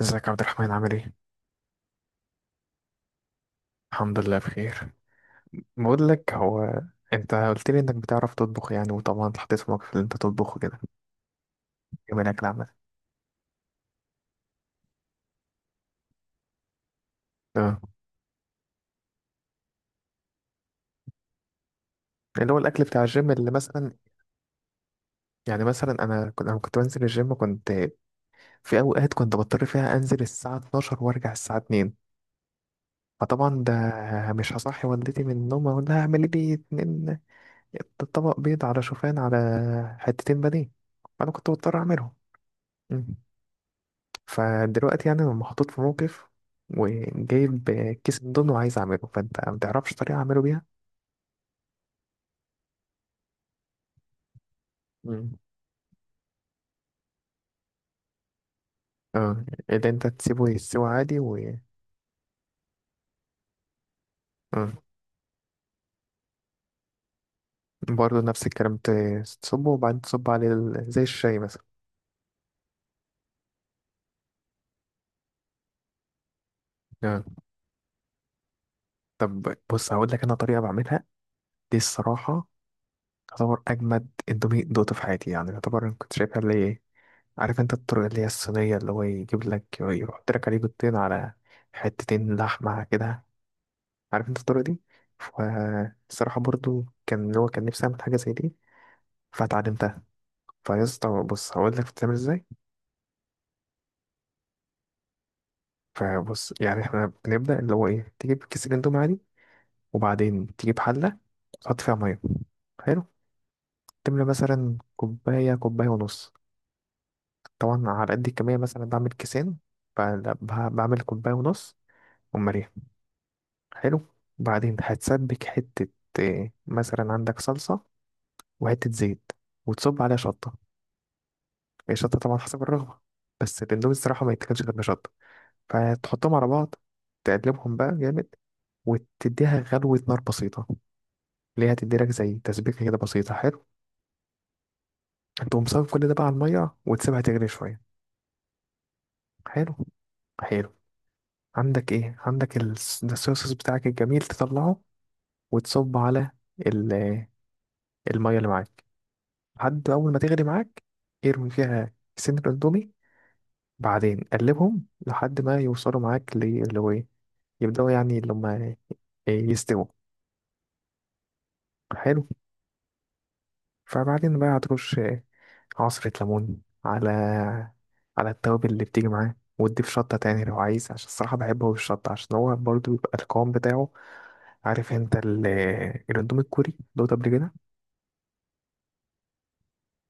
ازيك يا عبد الرحمن عامل ايه؟ الحمد لله بخير. بقول لك، هو انت قلت لي انك بتعرف تطبخ يعني، وطبعا اتحطيت في موقف اللي انت تطبخ كده يوم الاكل عامة. اه، اللي هو الاكل بتاع الجيم اللي مثلا. يعني مثلا انا كنت بنزل الجيم، كنت في اوقات كنت بضطر فيها انزل الساعة 12 وارجع الساعة 2. فطبعا ده مش هصحي والدتي من النوم اقول لها اعملي لي اتنين طبق بيض على شوفان، على حتتين بانيه، فانا كنت بضطر اعملهم. فدلوقتي يعني انا محطوط في موقف وجايب كيس اندومي وعايز اعمله، فانت ما تعرفش طريقه اعمله بيها؟ مم. اه، اللي انت تسيبه يستوي عادي و. اه، برضه نفس الكلام تصبه وبعدين تصب عليه زي الشاي مثلا. اه. طب بص، هقول لك انا طريقه بعملها، دي الصراحه تعتبر اجمد اندومي دوقته في حياتي. يعني يعتبر، أنا كنت شايفها اللي هي، عارف انت الطريقه اللي هي الصينيه اللي هو يجيب لك يحط لك عليه بيضتين على حتتين لحمه كده، عارف انت الطريقة دي؟ فالصراحة برضو كان اللي هو كان نفسي اعمل حاجة زي دي، فاتعلمتها. فيا اسطى بص، هقول لك بتتعمل ازاي. فبص، يعني احنا بنبدأ اللي هو ايه، تجيب كيس الاندومي عادي، وبعدين تجيب حلة تحط فيها مية. حلو. تملى مثلا كوباية، كوباية ونص. طبعا على قد الكمية، مثلا بعمل كيسين فبعمل كوباية ونص ومليان. حلو. بعدين هتسبك حتة إيه، مثلا عندك صلصة وحتة زيت، وتصب عليها شطة. هي شطة طبعا حسب الرغبة، بس الاندومي الصراحة ما يتاكلش غير بشطة. فتحطهم على بعض، تقلبهم بقى جامد، وتديها غلوة نار بسيطة، اللي هي هتديلك زي تسبيكة كده بسيطة. حلو تقوم صافي كل ده بقى على المية وتسيبها تغلي شوية حلو. حلو. عندك ايه، عندك ده الصويا صوص بتاعك الجميل، تطلعه وتصب على ال- المية اللي معاك. لحد أول ما تغلي معاك، ارمي فيها سن الاندومي، بعدين قلبهم لحد ما يوصلوا معاك يبدأوا يعني اللي هما يستووا. حلو. فبعدين بقى هترش عصرة ليمون على على التوابل اللي بتيجي معاه، وتضيف شطة تاني لو عايز، عشان الصراحة بحبه بالشطة عشان هو برضو بيبقى القوام بتاعه. عارف انت الاندومي الكوري دوت قبل كده؟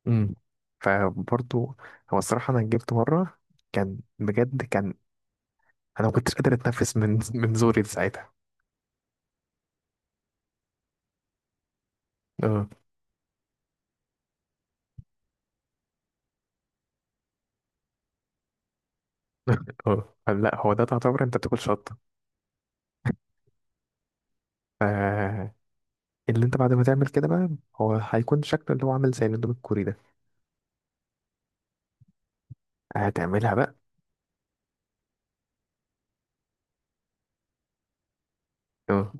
امم. فبرضو، هو الصراحة أنا جبت مرة، كان بجد كان، أنا ما كنتش قادر أتنفس من زوري ساعتها. اه. اه لا، هو ده تعتبر أنت بتاكل شطة. اللي انت بعد ما تعمل كده بقى، هو هيكون شكله اللي هو عامل زي الاندومي الكوري ده. هتعملها بقى؟ اه.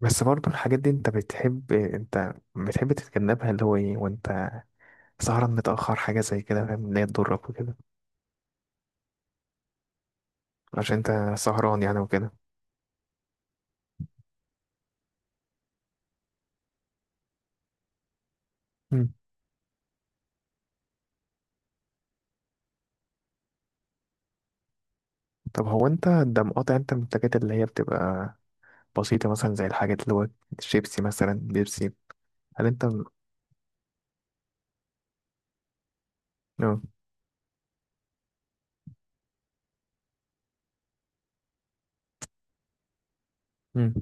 بس برضه الحاجات دي انت بتحب تتجنبها اللي هو ايه، وانت سهران متأخر حاجة زي كده، فاهم ان هي تضرك وكده. عشان انت سهران يعني وكده. مم. طب هو انت ده مقاطع انت من الحاجات اللي هي بتبقى بسيطة، مثلا زي الحاجات اللي هو شيبسي مثلا، بيبسي؟ هل انت؟ اه. مم.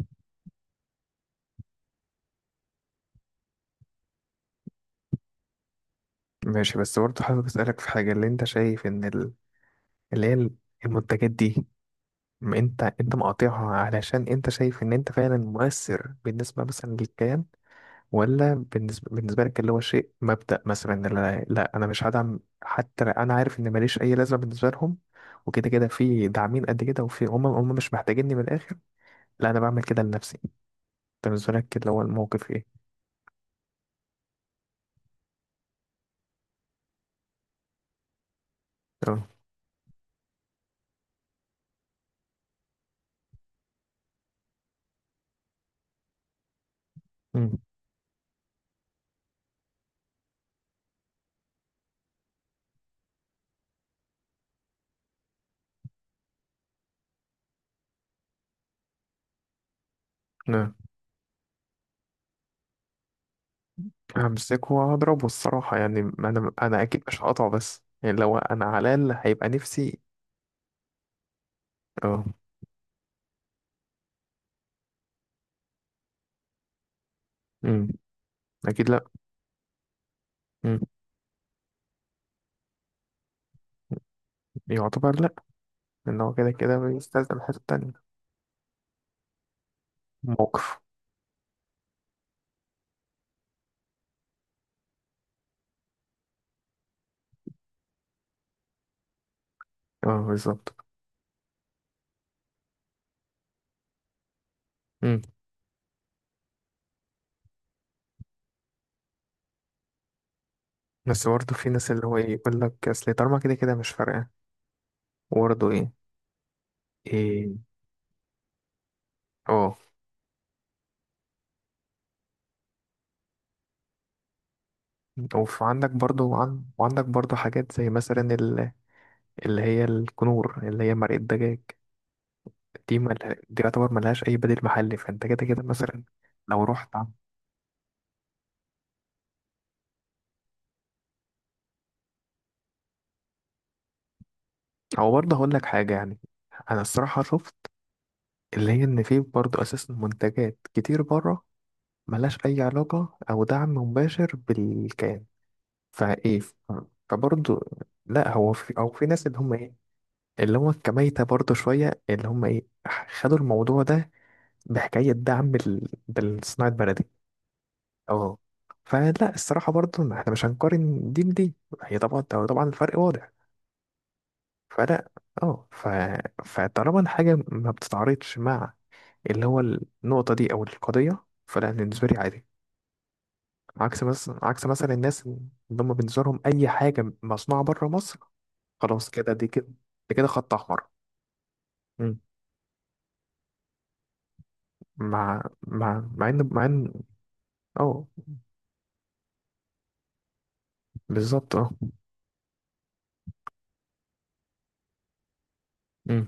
ماشي. بس برضه حابب اسألك في حاجة، اللي انت شايف ان اللي هي المنتجات دي، ما انت مقاطعها علشان انت شايف ان انت فعلا مؤثر بالنسبه مثلا للكيان، ولا بالنسبه لك اللي هو شيء مبدأ، مثلا إن لا, لا انا مش هدعم حتى لو انا عارف ان ماليش اي لازمه بالنسبه لهم، وكده كده في داعمين قد كده، وفي هم مش محتاجيني من الاخر، لا انا بعمل كده لنفسي؟ انت بالنسبه لك اللي هو الموقف ايه؟ اه. امم. اه. همسكه وهضربه الصراحه. يعني انا اكيد مش هقطعه، بس يعني لو انا على الاقل هيبقى نفسي. اه. امم. اكيد لا. امم. يعتبر لا، لأن هو كده كده بيستلزم حتة تانية. موقف. اه، بالظبط. مم. بس برضه في ناس اللي هو إيه يقول لك أصل طالما كده كده مش فارقة، وبرضه إيه. إيه. اه. وعندك برضه وعندك برضه حاجات زي مثلا ال-، اللي هي الكنور اللي هي مرقة دجاج، دي مل... دي يعتبر ملهاش أي بديل محلي، فأنت كده كده مثلا لو رحت عن-، أو برضه هقول لك حاجة يعني، أنا الصراحة شفت اللي هي إن في برضه أساسا منتجات كتير بره ملهاش أي علاقة أو دعم مباشر بالكيان، فإيه. فبرضه، لأ هو في، أو في ناس اللي هم إيه، اللي هم كميتة برضه شوية اللي هم إيه، خدوا الموضوع ده بحكاية دعم بالصناعة بلدي. أه. فلا الصراحة برضه، ما إحنا مش هنقارن دي بدي، هي طبعا طبعا الفرق واضح. فلا، أه، فطالما الحاجة ما بتتعارضش مع اللي هو النقطة دي أو القضية، فلا بالنسبة لي عادي. عكس مثلا عكس مثلا الناس اللي هم بالنسبة لهم أي حاجة مصنوعة بره مصر، خلاص كده دي كده خط أحمر. مم. مع إن أه، بالظبط. أه. مم.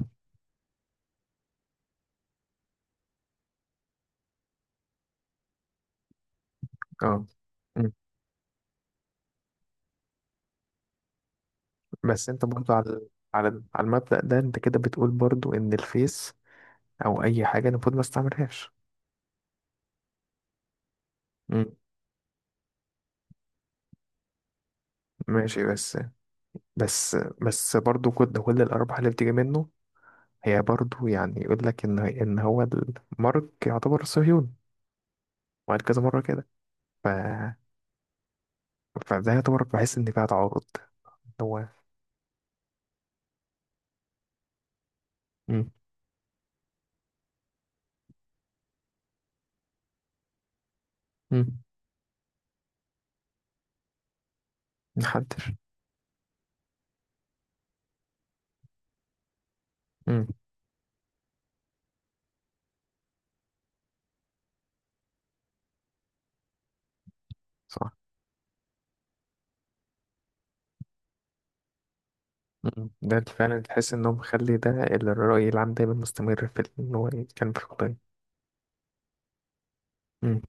أه. مم. بس أنت برضه على على المبدأ ده، أنت كده بتقول برضه إن الفيس أو أي حاجة المفروض ما استعملهاش. مم. ماشي. بس بس بس برضه كل الأرباح اللي بتيجي منه، هي برضه يعني يقول لك إن هو المارك يعتبر صهيوني، وقال كذا مرة كده. ف... فده يعتبر، بحس إن فيها تعارض اللي هو. مم. مم. محدش. مم. صح. مم. ده اللي فعلا تحس إنه مخلي ده الرأي العام دايما مستمر في ال-، إن هو يتكلم في القضية. مم.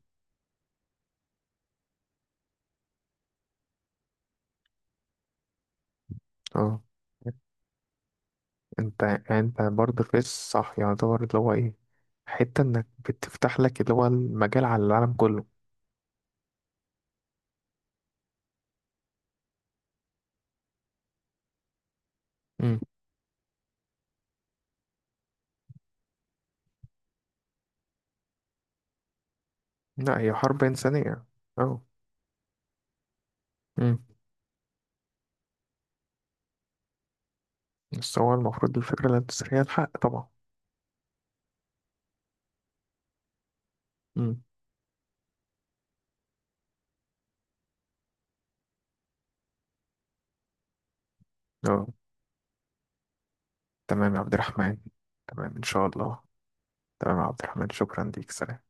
اه. انت برضه في صح، يعتبر اللي هو ايه، حتة انك بتفتح لك اللي هو المجال على العالم كله. مم. لا هي حرب إنسانية. اه. مم. بس هو المفروض الفكرة الانتصارية الحق طبعا. مم. اه. تمام يا عبد الرحمن. تمام إن شاء الله. تمام يا عبد الرحمن، شكرا ليك، سلام.